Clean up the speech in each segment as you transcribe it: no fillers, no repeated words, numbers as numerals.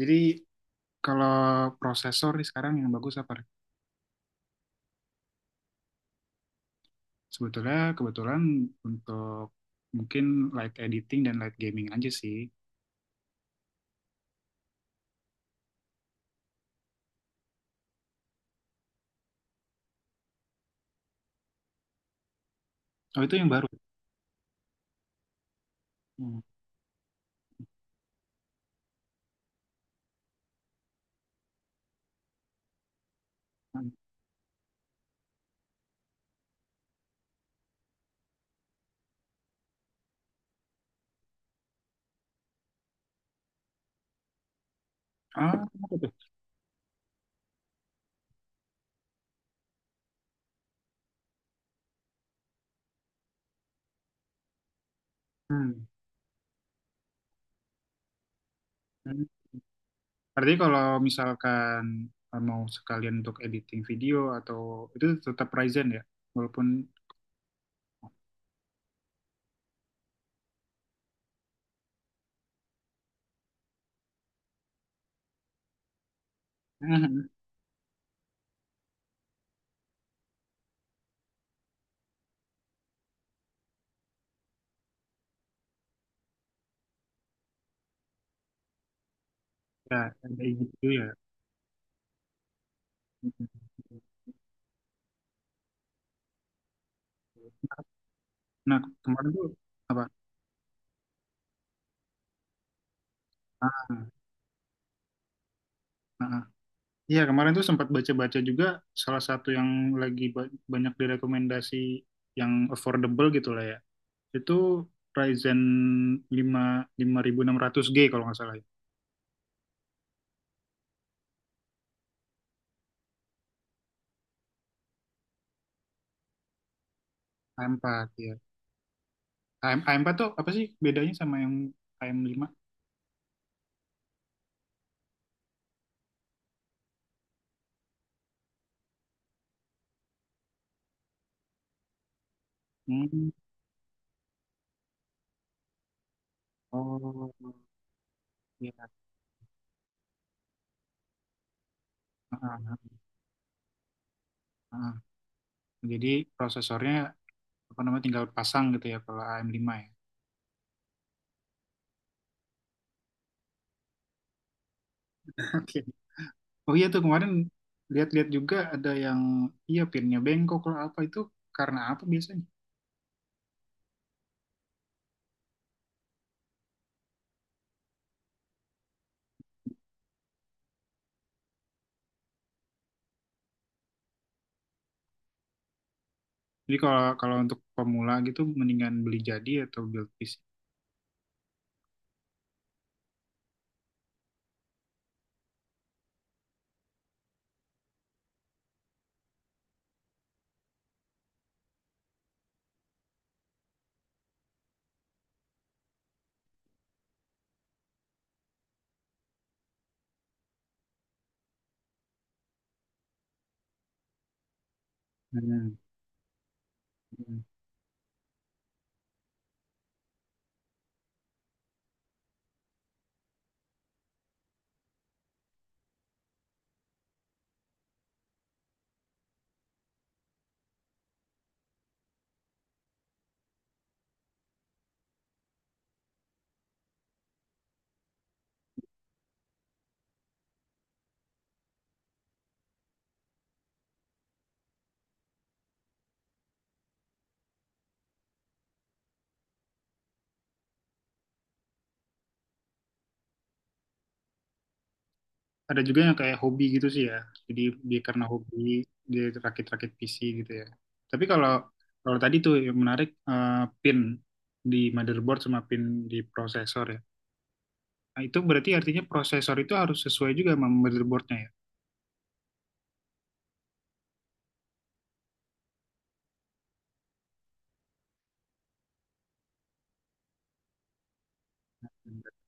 Jadi kalau prosesor nih sekarang yang bagus apa? Sebetulnya kebetulan untuk mungkin light editing dan light gaming aja sih. Oh itu yang baru. Hmm. Ah, apa tuh? Hmm. Hmm. Berarti kalau misalkan mau sekalian untuk editing video atau itu tetap Ryzen ya, walaupun ya ada gitu ya. Hmm. Nah kemarin tuh apa? Ah, ah, ah. Iya, kemarin tuh sempat baca-baca juga salah satu yang lagi banyak direkomendasi yang affordable gitu lah ya. Itu Ryzen 5 5600G kalau nggak salah ya. A4 ya. AM, A4 tuh apa sih bedanya sama yang AM5? Hmm. Oh, iya. Ah, ah, ah. Jadi prosesornya apa namanya tinggal pasang gitu ya kalau AM5 ya. Oke. Oh iya tuh kemarin lihat-lihat juga ada yang iya pinnya bengkok lah apa itu karena apa biasanya? Jadi kalau kalau untuk pemula gitu mendingan beli jadi atau build piece. Hmm. Hmm. Ada juga yang kayak hobi gitu sih ya. Jadi dia karena hobi dia rakit-rakit PC gitu ya. Tapi kalau kalau tadi tuh yang menarik pin di motherboard sama pin di prosesor ya. Nah, itu berarti artinya prosesor itu harus sesuai juga sama motherboardnya ya.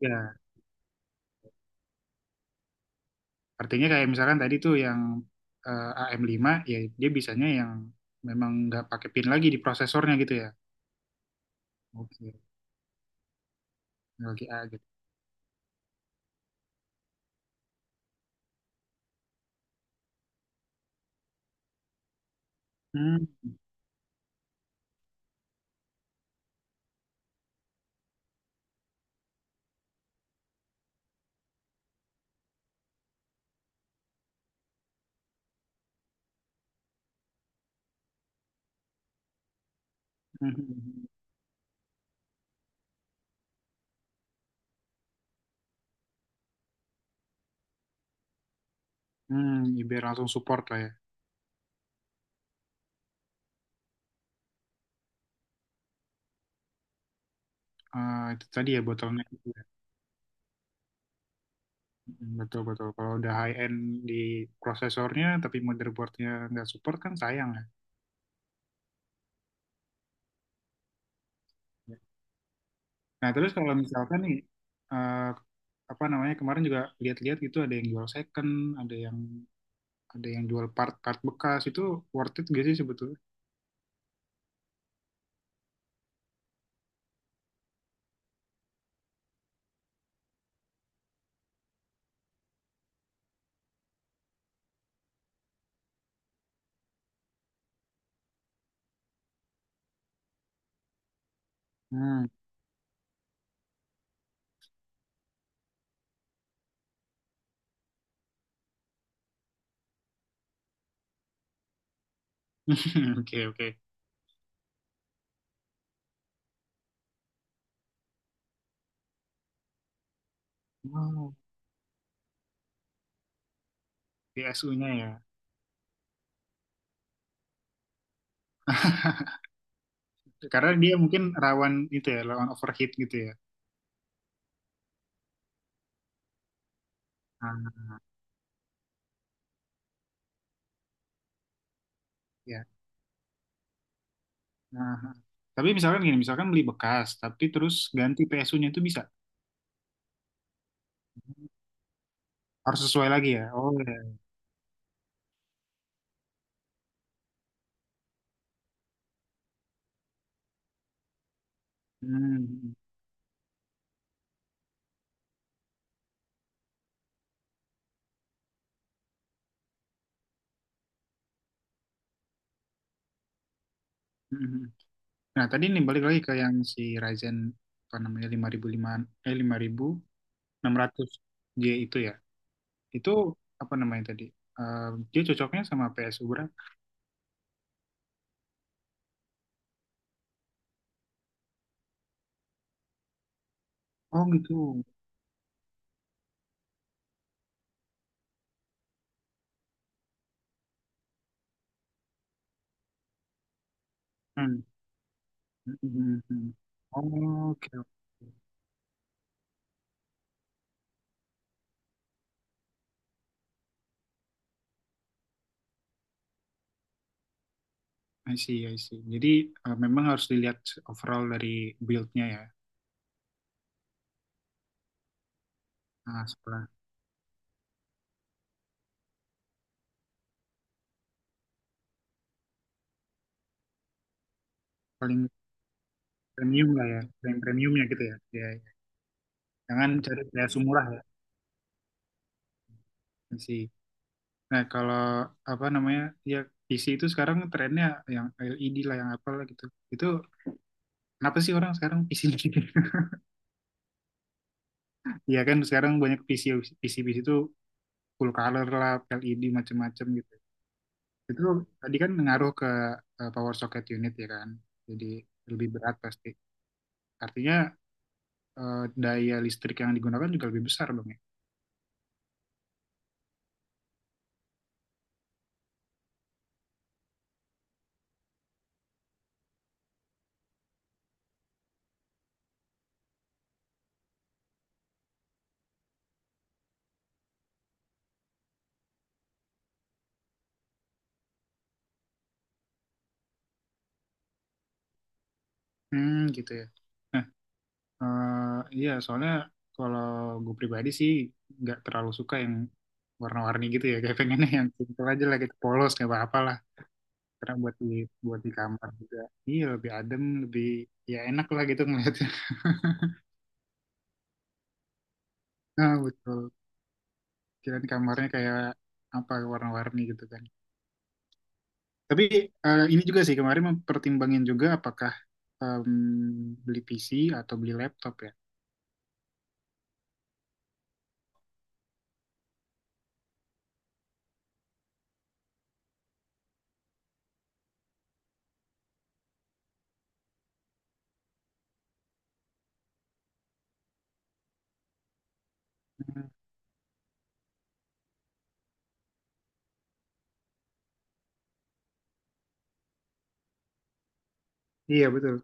Ya, artinya kayak misalkan tadi tuh yang AM5 ya dia bisanya yang memang nggak pakai pin lagi di prosesornya gitu ya. Oke, LGA. Hmm, hmm, hmm, hmm, hmm. Ya, biar langsung support lah ya. Eh, itu tadi ya bottleneck itu ya. Hmm, betul betul. Kalau udah high end di prosesornya tapi motherboardnya nggak support kan sayang ya. Nah terus kalau misalkan nih eh, apa namanya kemarin juga lihat-lihat gitu ada yang jual second, ada yang ada yang jual part-part bekas itu worth it gak sih sebetulnya? Hmm. Oke oke. Oh, PSU-nya ya. Karena dia mungkin rawan itu ya, rawan overheat gitu ya. Ah, ya. Nah, tapi misalkan gini, misalkan beli bekas, tapi terus ganti PSU-nya itu bisa. Harus sesuai lagi ya. Oh ya. Hmm. Hmm. Hmm. Nah, tadi nih balik lagi ke yang si Ryzen apa namanya 5005 5600J itu ya. Itu apa namanya tadi? Eh, Dia cocoknya sama PSU berapa? Oh gitu. Hmm. Hmm. Hmm. Oh, oke. Oke. I see, I see. Jadi memang harus dilihat overall dari build-nya ya. Nah, setelah paling premium lah ya, yang premiumnya gitu ya. Ya, ya. Jangan cari kayak murah ya masih. Nah, kalau apa namanya? Ya PC itu sekarang trennya yang LED lah yang apa lah gitu. Itu kenapa sih orang sekarang PC gitu? Iya kan sekarang banyak PC PC PC itu full color lah, LED macam-macam gitu. Itu tadi kan ngaruh ke power socket unit ya kan. Jadi lebih berat pasti. Artinya daya listrik yang digunakan juga lebih besar dong ya. Hmm, gitu ya. Eh, iya, soalnya kalau gue pribadi sih nggak terlalu suka yang warna-warni gitu ya. Kayak pengennya yang simple aja lah, gitu polos nggak apa-apa lah. Karena buat di kamar juga, iya lebih adem, lebih ya enak lah gitu ngeliatnya. Nah, betul. Kirain kamarnya kayak apa warna-warni gitu kan. Tapi ini juga sih kemarin mempertimbangin juga apakah em, beli PC atau beli laptop ya. Hmm, iya betul.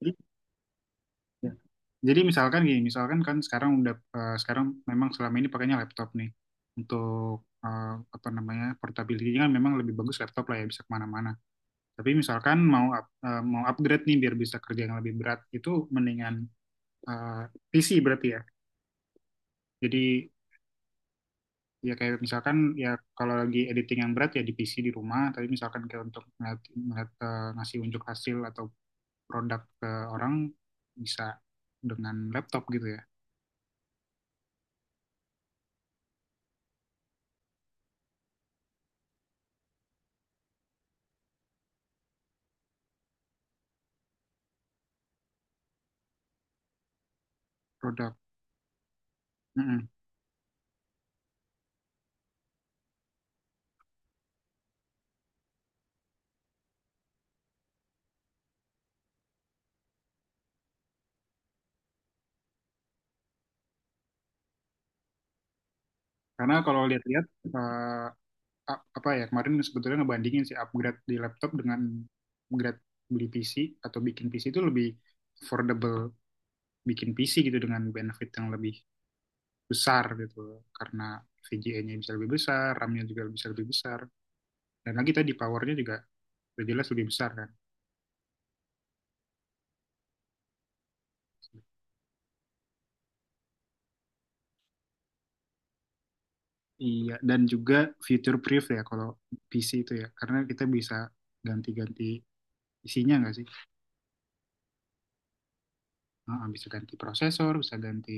Iya. Jadi misalkan gini, misalkan kan sekarang sekarang memang selama ini pakainya laptop nih untuk apa namanya portability kan memang lebih bagus laptop lah ya bisa kemana-mana. Tapi misalkan mau mau upgrade nih biar bisa kerja yang lebih berat itu mendingan eh, PC berarti ya. Jadi ya kayak misalkan ya kalau lagi editing yang berat ya di PC di rumah. Tapi misalkan kayak untuk ngeliat, ngasih unjuk hasil atau produk ke orang bisa dengan laptop gitu ya. Produk. Karena kalau lihat-lihat eh, apa ya kemarin sebetulnya ngebandingin sih upgrade di laptop dengan upgrade beli PC atau bikin PC itu lebih affordable bikin PC gitu dengan benefit yang lebih besar gitu karena VGA-nya bisa lebih besar, RAM-nya juga bisa lebih besar dan lagi tadi powernya juga udah jelas lebih besar kan. Iya, dan juga future proof ya kalau PC itu ya, karena kita bisa ganti-ganti isinya nggak sih? Heeh, bisa ganti prosesor, bisa ganti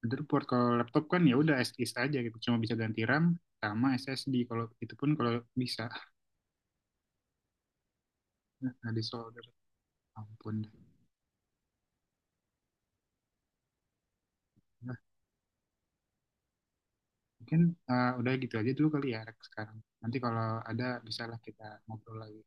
motherboard. Kalau laptop kan ya udah SSD aja gitu, cuma bisa ganti RAM sama SSD. Kalau itu pun kalau bisa nah, di solder. Ampun. Nah, mungkin udah gitu aja dulu kali ya rek sekarang. Nanti kalau ada bisa lah kita ngobrol lagi.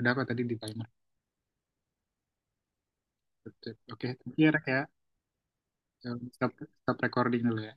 Udah kok tadi di timer. Oke, thank you ya Rex ya. Stop, stop recording dulu ya.